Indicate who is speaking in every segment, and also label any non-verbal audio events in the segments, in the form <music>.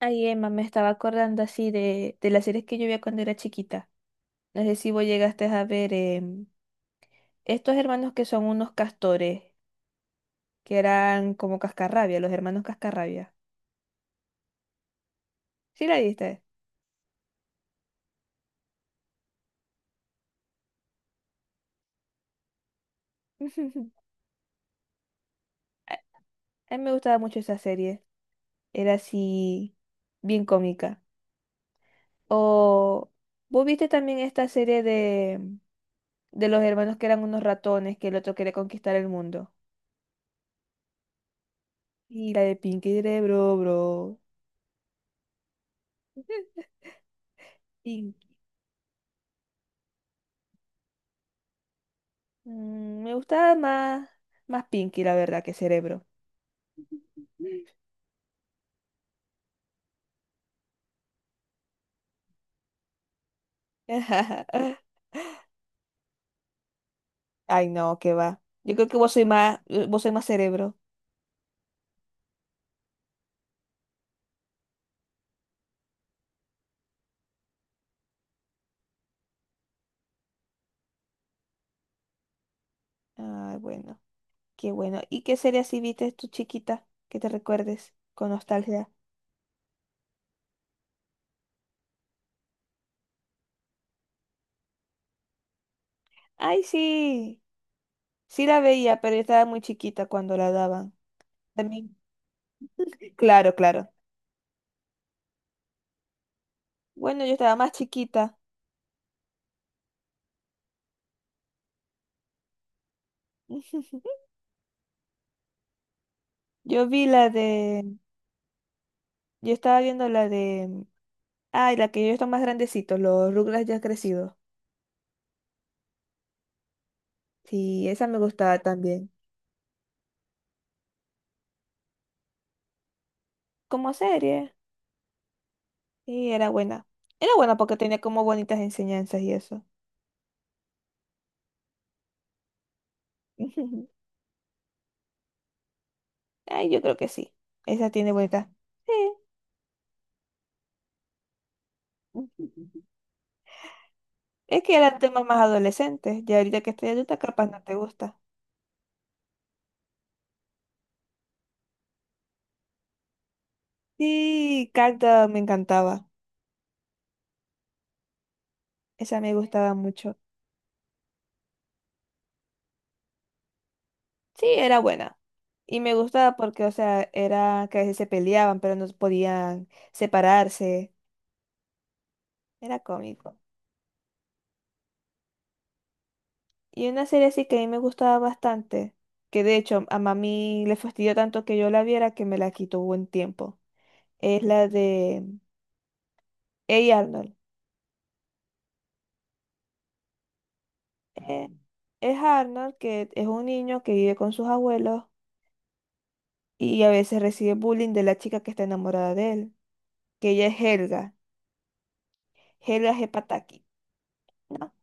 Speaker 1: Ay, Emma, me estaba acordando así de las series que yo veía cuando era chiquita. No sé si vos llegaste a ver estos hermanos que son unos castores, que eran como cascarrabia, los hermanos cascarrabia. ¿Sí la viste? <laughs> A a mí me gustaba mucho esa serie. Era así, bien cómica. O vos viste también esta serie de los hermanos que eran unos ratones, que el otro quería conquistar el mundo. Y la de Pinky Cerebro, bro. Mm, me gustaba más Pinky, la verdad, que Cerebro. <laughs> Ay, no, qué va. Yo creo que vos soy más cerebro. Ay, bueno, qué bueno. ¿Y qué serie así viste tu chiquita que te recuerdes con nostalgia? Ay, sí, sí la veía, pero yo estaba muy chiquita cuando la daban. También, claro, claro. Bueno, yo estaba más chiquita. <laughs> Yo vi la de, yo estaba viendo la de, ay, la que yo estaba más grandecito, los Rugrats ya crecidos. Sí, esa me gustaba también. Como serie. Y era buena. Era buena porque tenía como bonitas enseñanzas y eso. <laughs> Ay, yo creo que sí. Esa tiene bonitas. Sí. Es que eran temas más adolescentes. Ya ahorita que estoy adulta, capaz no te gusta. Sí, Carta me encantaba. Esa me gustaba mucho. Sí, era buena. Y me gustaba porque, o sea, era que a veces se peleaban, pero no podían separarse. Era cómico. Y una serie así que a mí me gustaba bastante, que de hecho a mami le fastidió tanto que yo la viera que me la quitó buen tiempo. Es la de Hey Arnold. Eh, es Arnold, que es un niño que vive con sus abuelos y a veces recibe bullying de la chica que está enamorada de él, que ella es Helga, Helga Hepataki, ¿no?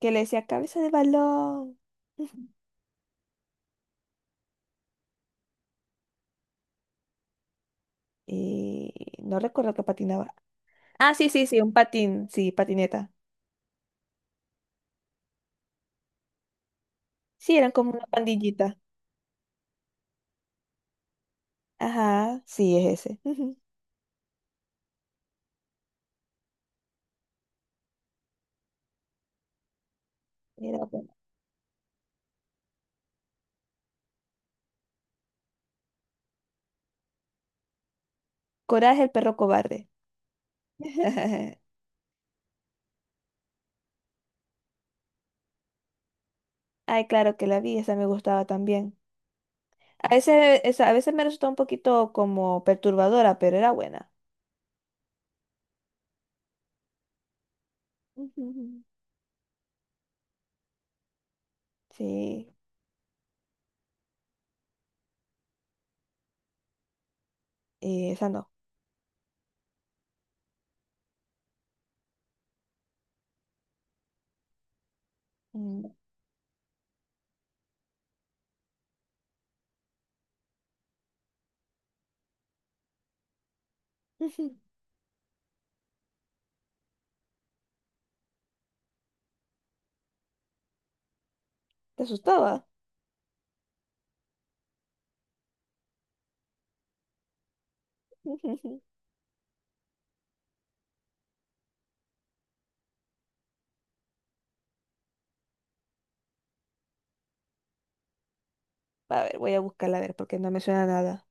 Speaker 1: Que le decía cabeza de balón. <laughs> Y no recuerdo que patinaba. Ah, sí, sí, sí, un patín, sí, patineta. Sí, eran como una pandillita. Ajá, sí, es ese. Ujú. Era bueno. Coraje, el perro cobarde. <laughs> Ay, claro que la vi, esa me gustaba también. A veces, a veces me resultó un poquito como perturbadora, pero era buena. Ujú. Sí, y esa no. Mm. <laughs> Ujú. ¿Te asustaba? <laughs> Ujú. A ver, voy a buscarla a ver porque no me suena nada.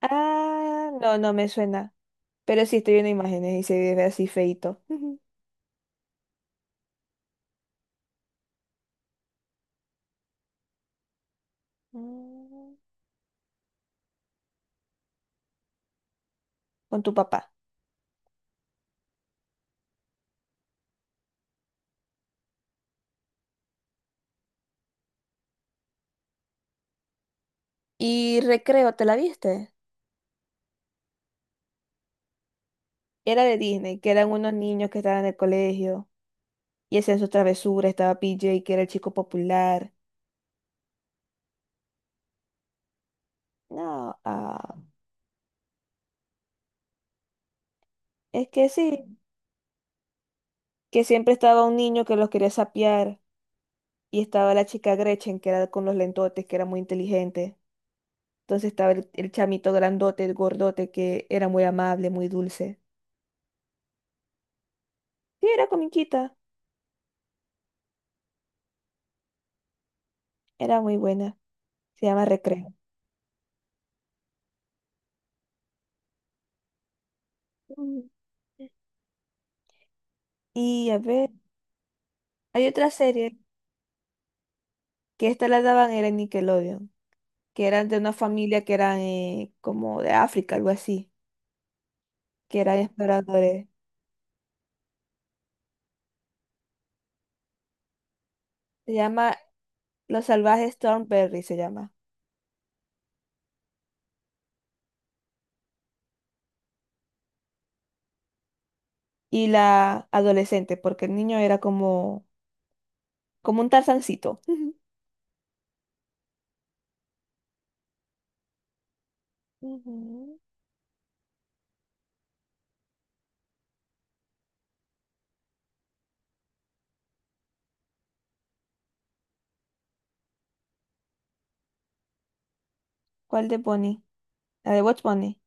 Speaker 1: Ah, no, no me suena. Pero sí estoy viendo imágenes y se ve así feito. Ujú. <laughs> Mm. Con tu papá. Y recreo, ¿te la viste? Era de Disney, que eran unos niños que estaban en el colegio y hacían sus travesuras. Estaba PJ, que era el chico popular. No, ah, es que sí, que siempre estaba un niño que los quería sapear y estaba la chica Gretchen, que era con los lentotes, que era muy inteligente. Entonces estaba el chamito grandote, el gordote, que era muy amable, muy dulce. Sí, era comiquita, era muy buena. Se llama Recreo. Mm. Y a ver, hay otra serie que esta la daban era en Nickelodeon, que eran de una familia que eran como de África, algo así, que eran exploradores. Se llama Los Salvajes Thornberry, se llama. Y la adolescente, porque el niño era como, como un tarzancito. <laughs> Ujú. ¿Cuál de Bonnie? La de Watch Bunny.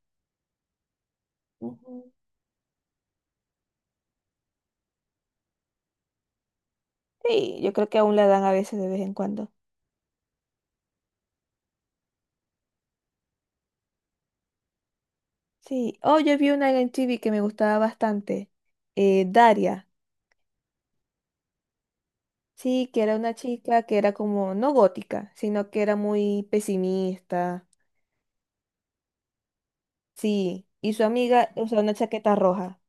Speaker 1: Ujú. Sí, yo creo que aún la dan a veces de vez en cuando. Sí. Oh, yo vi una en TV que me gustaba bastante. Daria. Sí, que era una chica que era como, no gótica, sino que era muy pesimista. Sí, y su amiga usa una chaqueta roja.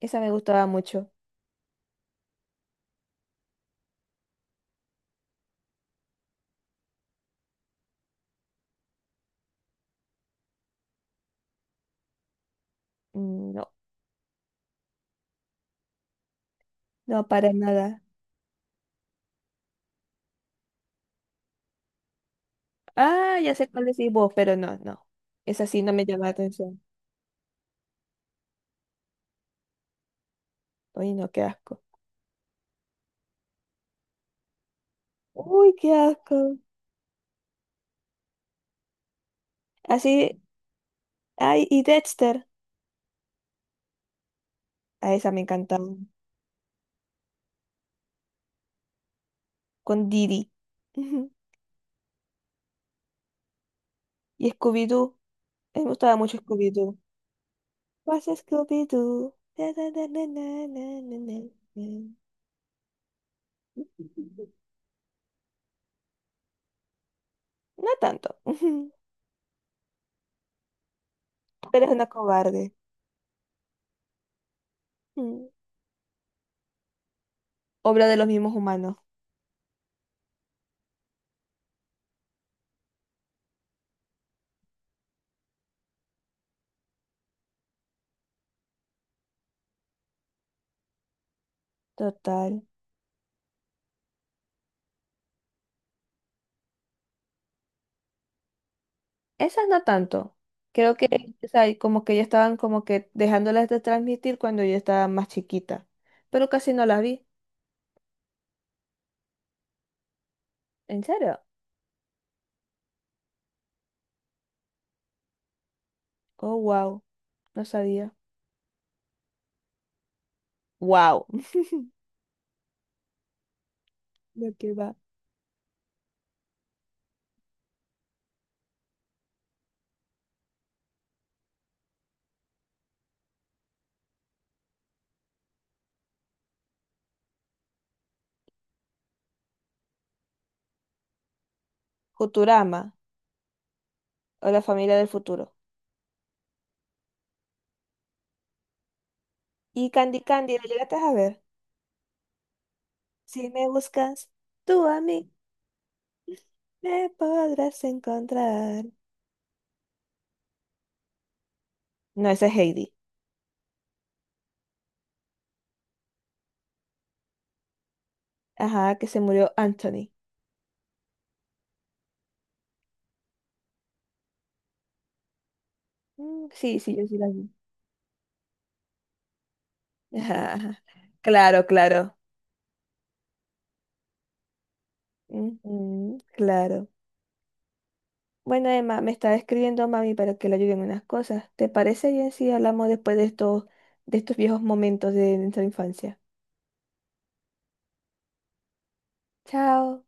Speaker 1: Esa me gustaba mucho. Mm, no, no, para nada. Ah, ya sé cuál decís vos, pero no, no. Esa sí no me llama la atención. Uy, no, qué asco. Uy, qué asco. Así, ay, y Dexter. A esa me encantaba. Con Didi. Ujú. Y Scooby-Doo. A mí me gustaba mucho Scooby-Doo. Pasa Scooby-Doo. Na, na, na, na, na, na, na, na, na. No tanto. <laughs> Ujú, pero es una cobarde. Mm. Obra de los mismos humanos. Total. Esas no tanto. Creo que, o sea, como que ya estaban como que dejándolas de transmitir cuando yo estaba más chiquita. Pero casi no las vi. ¿En serio? Oh, wow. No sabía. Wow. <laughs> ¿De qué va? Futurama o la familia del futuro. Y Candy Candy, ¿la llegaste a ver? Si me buscas, tú a mí me podrás encontrar. No, esa es Heidi. Ajá, que se murió Anthony. Mm, sí, sí, yo sí la vi. <laughs> Ajá, ajá. Claro, claro. Ujú, claro. Bueno, Emma, me está escribiendo mami para que le ayude en unas cosas. ¿Te parece bien si hablamos después de estos viejos momentos de nuestra infancia? Chao.